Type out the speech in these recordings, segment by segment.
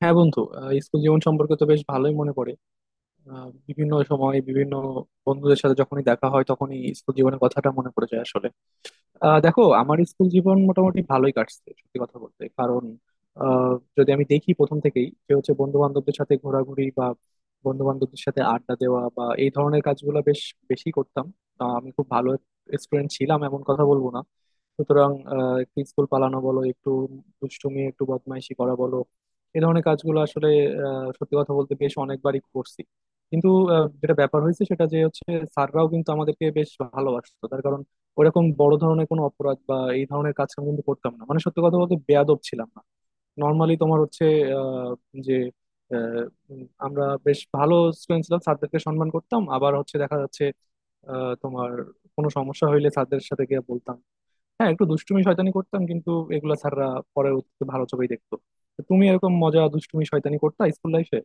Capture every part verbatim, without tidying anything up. হ্যাঁ বন্ধু, আহ, স্কুল জীবন সম্পর্কে তো বেশ ভালোই মনে পড়ে। আহ, বিভিন্ন সময় বিভিন্ন বন্ধুদের সাথে যখনই দেখা হয় তখনই স্কুল জীবনের কথাটা মনে পড়ে যায় আসলে। আহ দেখো, আমার স্কুল জীবন মোটামুটি ভালোই কাটছে সত্যি কথা বলতে, কারণ আহ, যদি আমি দেখি প্রথম থেকেই, যে হচ্ছে বন্ধু বান্ধবদের সাথে ঘোরাঘুরি বা বন্ধু বান্ধবদের সাথে আড্ডা দেওয়া বা এই ধরনের কাজগুলো বেশ বেশি করতাম। আহ, আমি খুব ভালো স্টুডেন্ট ছিলাম এমন কথা বলবো না। সুতরাং আহ, একটু স্কুল পালানো বলো, একটু দুষ্টুমি একটু বদমাইশি করা বলো, এই ধরনের কাজগুলো আসলে আহ, সত্যি কথা বলতে বেশ অনেকবারই করছি। কিন্তু আহ, যেটা ব্যাপার হয়েছে সেটা, যে হচ্ছে স্যাররাও কিন্তু আমাদেরকে বেশ ভালোবাসতো, তার কারণ ওরকম বড় ধরনের কোনো অপরাধ বা এই ধরনের কাজ আমি কিন্তু করতাম না, মানে সত্যি কথা বলতে বেয়াদব ছিলাম না। নর্মালি তোমার হচ্ছে আহ, যে আহ, উম, আমরা বেশ ভালো স্টুডেন্ট ছিলাম, স্যারদেরকে সম্মান করতাম। আবার হচ্ছে দেখা যাচ্ছে আহ, তোমার কোনো সমস্যা হইলে স্যারদের সাথে গিয়ে বলতাম। হ্যাঁ, একটু দুষ্টুমি শয়তানি করতাম কিন্তু এগুলা স্যাররা পরে ভালো চোখেই দেখতো। তো তুমি এরকম মজা দুষ্টুমি শয়তানি করতা স্কুল লাইফে?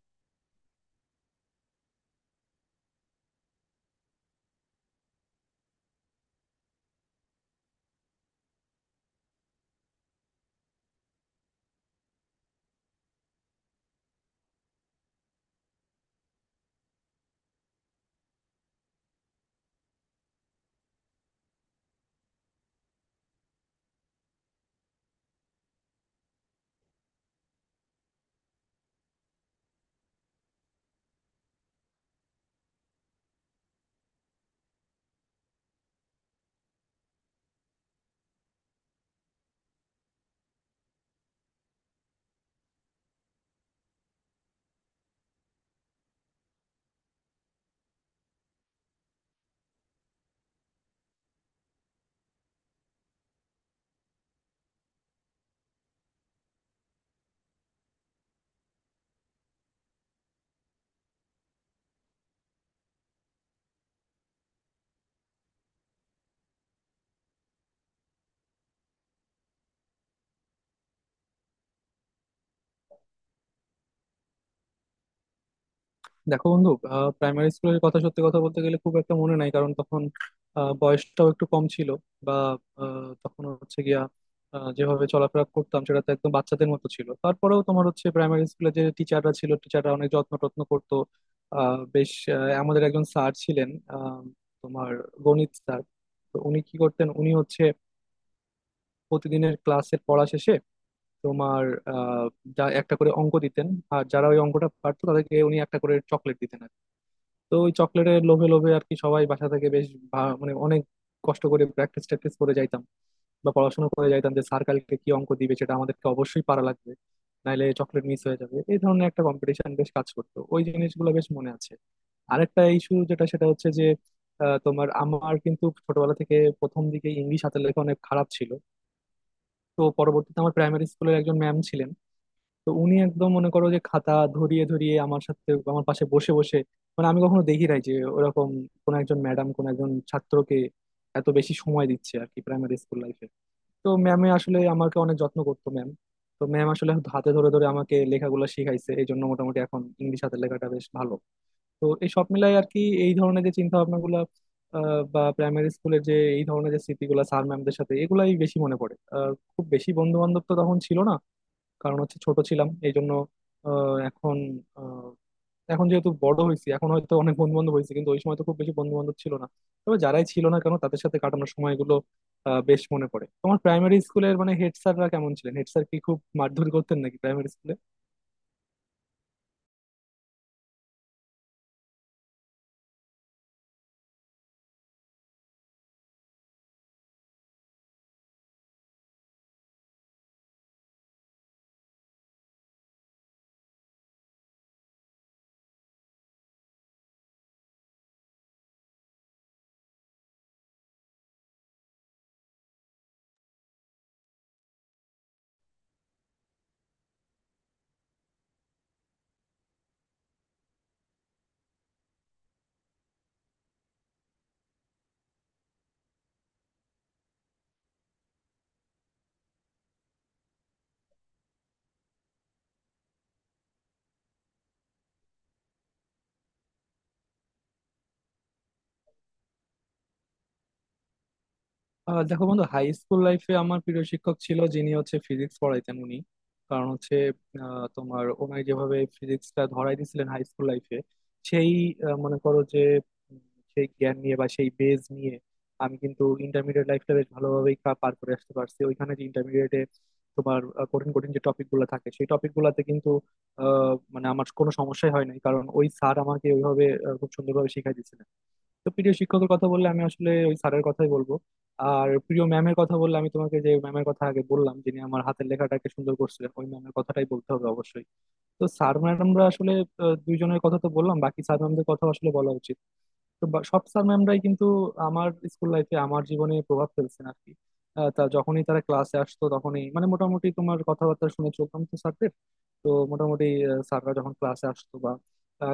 দেখো বন্ধু, প্রাইমারি স্কুলের কথা সত্যি কথা বলতে গেলে খুব একটা মনে নাই, কারণ তখন আহ, বয়সটাও একটু কম ছিল, বা আহ, তখন হচ্ছে গিয়া আহ, যেভাবে চলাফেরা করতাম সেটা তো একদম বাচ্চাদের মতো ছিল। তারপরেও তোমার হচ্ছে প্রাইমারি স্কুলে যে টিচাররা ছিল, টিচাররা অনেক যত্ন টত্ন করতো। আহ, বেশ আহ, আমাদের একজন স্যার ছিলেন, আহ, তোমার গণিত স্যার। তো উনি কি করতেন, উনি হচ্ছে প্রতিদিনের ক্লাসের পড়া শেষে তোমার আহ, যা একটা করে অঙ্ক দিতেন। আর যারা ওই অঙ্কটা পারতো তাদেরকে উনি একটা করে চকলেট দিতেন। তো ওই চকলেটের লোভে লোভে আর কি সবাই বাসা থেকে বেশ ভা- মানে অনেক কষ্ট করে প্র্যাকটিস ট্যাকটিস করে যাইতাম, বা পড়াশোনা করে যাইতাম যে স্যার কালকে কি অঙ্ক দিবে সেটা আমাদেরকে অবশ্যই পারা লাগবে, নাইলে চকলেট মিস হয়ে যাবে। এই ধরনের একটা কম্পিটিশন বেশ কাজ করতো, ওই জিনিসগুলো বেশ মনে আছে। আরেকটা ইস্যু যেটা, সেটা হচ্ছে যে আহ, তোমার আমার কিন্তু ছোটবেলা থেকে প্রথম দিকে ইংলিশ হাতের লেখা অনেক খারাপ ছিল। তো পরবর্তীতে আমার প্রাইমারি স্কুলের একজন ম্যাম ছিলেন। তো উনি একদম মনে করো যে খাতা ধরিয়ে ধরিয়ে আমার সাথে আমার পাশে বসে বসে, মানে আমি কখনো দেখি নাই যে ওরকম কোন একজন ম্যাডাম কোন একজন ছাত্রকে এত বেশি সময় দিচ্ছে আর কি প্রাইমারি স্কুল লাইফে। তো ম্যামে আসলে আমাকে অনেক যত্ন করতো ম্যাম। তো ম্যাম আসলে হাতে ধরে ধরে আমাকে লেখাগুলো শিখাইছে, এই জন্য মোটামুটি এখন ইংলিশ হাতের লেখাটা বেশ ভালো। তো এই সব মিলাই আর কি, এই ধরনের যে চিন্তা ভাবনাগুলো বা প্রাইমারি স্কুলের যে এই ধরনের যে স্মৃতিগুলো স্যার ম্যামদের সাথে এগুলাই বেশি মনে পড়ে। আহ, খুব বেশি বন্ধু বান্ধব তো তখন ছিল না, কারণ হচ্ছে ছোট ছিলাম এই জন্য। আহ, এখন আহ, এখন যেহেতু বড় হয়েছি এখন হয়তো অনেক বন্ধু বান্ধব হয়েছে কিন্তু ওই সময় তো খুব বেশি বন্ধু বান্ধব ছিল না। তবে যারাই ছিল না কেন তাদের সাথে কাটানোর সময়গুলো আহ, বেশ মনে পড়ে। তোমার প্রাইমারি স্কুলের মানে হেড স্যাররা কেমন ছিলেন? হেড স্যার কি খুব মারধর করতেন নাকি প্রাইমারি স্কুলে? আহ দেখো বন্ধু, হাই স্কুল লাইফে আমার প্রিয় শিক্ষক ছিল যিনি হচ্ছে ফিজিক্স পড়াইতেন উনি। কারণ হচ্ছে আহ, তোমার ওনাই যেভাবে ফিজিক্সটা ধরাই দিয়েছিলেন হাই স্কুল লাইফে, সেই আহ, মনে করো যে উম, সেই জ্ঞান নিয়ে বা সেই বেজ নিয়ে আমি কিন্তু ইন্টারমিডিয়েট লাইফটা বেশ ভালোভাবেই কা- পার করে আসতে পারছি ওইখানে যে ইন্টারমিডিয়েটে। তোমার আহ, কঠিন কঠিন যে টপিক গুলো থাকে সেই টপিক গুলাতে কিন্তু আহ, মানে আমার কোনো সমস্যাই হয় নাই, কারণ ওই স্যার আমাকে ওইভাবে আহ, খুব সুন্দরভাবে শিখাই দিয়েছিলেন। তো প্রিয় শিক্ষকের কথা বললে আমি আসলে ওই স্যারের কথাই বলবো। আর প্রিয় ম্যামের কথা বললে আমি তোমাকে যে ম্যামের কথা আগে বললাম যিনি আমার হাতের লেখাটাকে সুন্দর করছিলেন, ওই ম্যামের কথাটাই বলতে হবে অবশ্যই। তো স্যার ম্যামরা আসলে আহ, দুইজনের কথা তো বললাম, বাকি স্যার ম্যামদের কথা আসলে বলা উচিত। তো বা- সব স্যার ম্যামরাই কিন্তু আমার স্কুল লাইফে আমার জীবনে প্রভাব ফেলছেন আর কি। আহ, তা যখনই তারা ক্লাসে আসতো তখনই মানে মোটামুটি তোমার কথাবার্তা শুনে চলতাম তো স্যারদের। তো মোটামুটি স্যাররা যখন ক্লাসে আসতো বা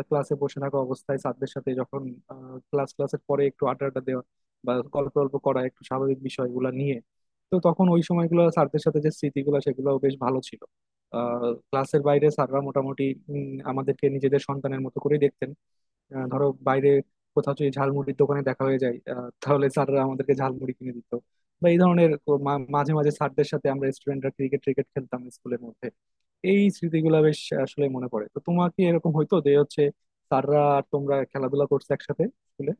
ক্লাসে বসে থাকা অবস্থায় স্যারদের সাথে যখন ক্লাস ক্লাসের পরে একটু আড্ডা আড্ডা দেওয়া বা গল্প গল্প করা একটু স্বাভাবিক বিষয়গুলো নিয়ে। তো তখন ওই সময়গুলো স্যারদের সাথে যে স্মৃতিগুলো সেগুলো বেশ ভালো ছিল। আহ ক্লাসের বাইরে স্যাররা মোটামুটি উম, আমাদেরকে নিজেদের সন্তানের মতো করে দেখতেন। আহ, ধরো বাইরে কোথাও যদি ঝালমুড়ির দোকানে দেখা হয়ে যায়, আহ, তাহলে স্যাররা আমাদেরকে ঝালমুড়ি কিনে দিত। বা এই ধরনের কো- মা- মাঝে মাঝে স্যারদের সাথে আমরা স্টুডেন্টরা ক্রিকেট ক্রিকেট খেলতাম স্কুলের মধ্যে। এই স্মৃতিগুলো বেশ আসলে মনে পড়ে। তো তোমার কি এরকম হইতো যে হচ্ছে স্যাররা আর তোমরা খেলাধুলা করছো একসাথে স্কুলে?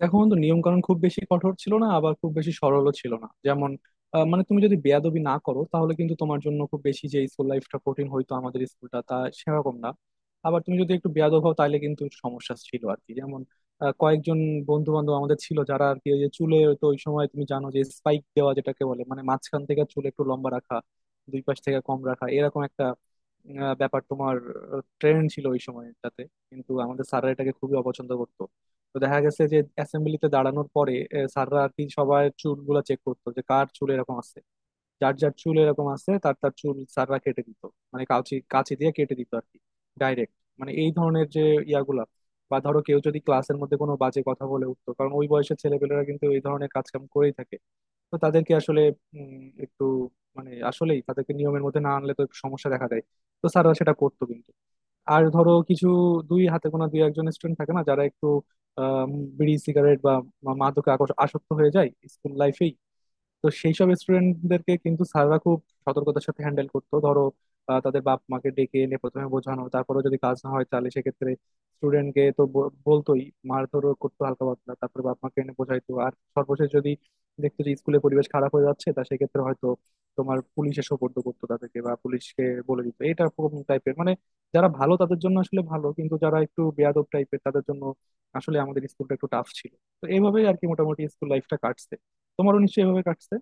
দেখো বন্ধু, নিয়ম কানুন খুব বেশি কঠোর ছিল না আবার খুব বেশি সরলও ছিল না। যেমন আহ, মানে তুমি যদি বেয়াদবি না করো তাহলে কিন্তু তোমার জন্য খুব বেশি যে স্কুল লাইফটা কঠিন হইতো, আমাদের স্কুলটা তা সেরকম না। আবার তুমি যদি একটু বেয়াদব হও তাহলে কিন্তু সমস্যা ছিল আর কি। যেমন আহ, কয়েকজন বন্ধু বান্ধব আমাদের ছিল যারা আর কি ওই যে চুলে, তো ওই সময় তুমি জানো যে স্পাইক দেওয়া যেটাকে বলে, মানে মাঝখান থেকে চুল একটু লম্বা রাখা দুই পাশ থেকে কম রাখা এরকম একটা আহ, ব্যাপার তোমার ট্রেন্ড ছিল ওই সময়টাতে। কিন্তু আমাদের স্যাররা এটাকে খুবই অপছন্দ করতো। তো দেখা গেছে যে অ্যাসেম্বলিতে দাঁড়ানোর পরে আহ, স্যাররা আর কি সবার চুলগুলো চেক করতো যে কার চুল এরকম আছে। যার যার চুল এরকম আছে তার তার চুল স্যাররা কেটে দিত। মানে কাঁচি কাঁচি দিয়ে কেটে দিত আর কি, ডাইরেক্ট। মানে এই ধরনের যে ইয়াগুলা, বা ধরো কেউ যদি ক্লাসের মধ্যে কোনো বাজে কথা বলে উঠতো, কারণ ওই বয়সের ছেলেপেলেরা কিন্তু এই ধরনের কাজকাম করেই থাকে। তো তাদেরকে আসলে উম, একটু মানে আসলেই তাদেরকে নিয়মের মধ্যে না আনলে তো একটু সমস্যা দেখা দেয়, তো স্যাররা সেটা করতো কিন্তু। আর ধরো কিছু দুই হাতে গোনা দুই একজন স্টুডেন্ট থাকে না যারা একটু আম, বিড়ি সিগারেট বা মা- মাদকে আকর্ষ- আসক্ত হয়ে যায় স্কুল লাইফে। তো সেই সব স্টুডেন্টদেরকে কিন্তু স্যাররা খুব সতর্কতার সাথে হ্যান্ডেল করতো। ধরো আহ, তাদের বাপ মাকে ডেকে এনে প্রথমে বোঝানো, তারপরে যদি কাজ না হয় তাহলে সেক্ষেত্রে স্টুডেন্টকে তো ব- বলতোই, মারধরও করতো হালকা পাতলা, তারপরে বাপ মাকে এনে বোঝাইতো। আর সর্বশেষ যদি দেখতো যে স্কুলের পরিবেশ খারাপ হয়ে যাচ্ছে, তা সেক্ষেত্রে হয়তো তোমার পুলিশে সোপর্দ করতো তাদেরকে, বা পুলিশকে বলে দিত এটা কোন টাইপের, মানে। যারা ভালো তাদের জন্য আসলে ভালো, কিন্তু যারা একটু বেয়াদব টাইপের তাদের জন্য আসলে আমাদের স্কুলটা একটু টাফ ছিল। তো এইভাবেই আর কি মোটামুটি স্কুল লাইফটা কাটছে। তোমারও নিশ্চয়ই এভাবে কাটছে।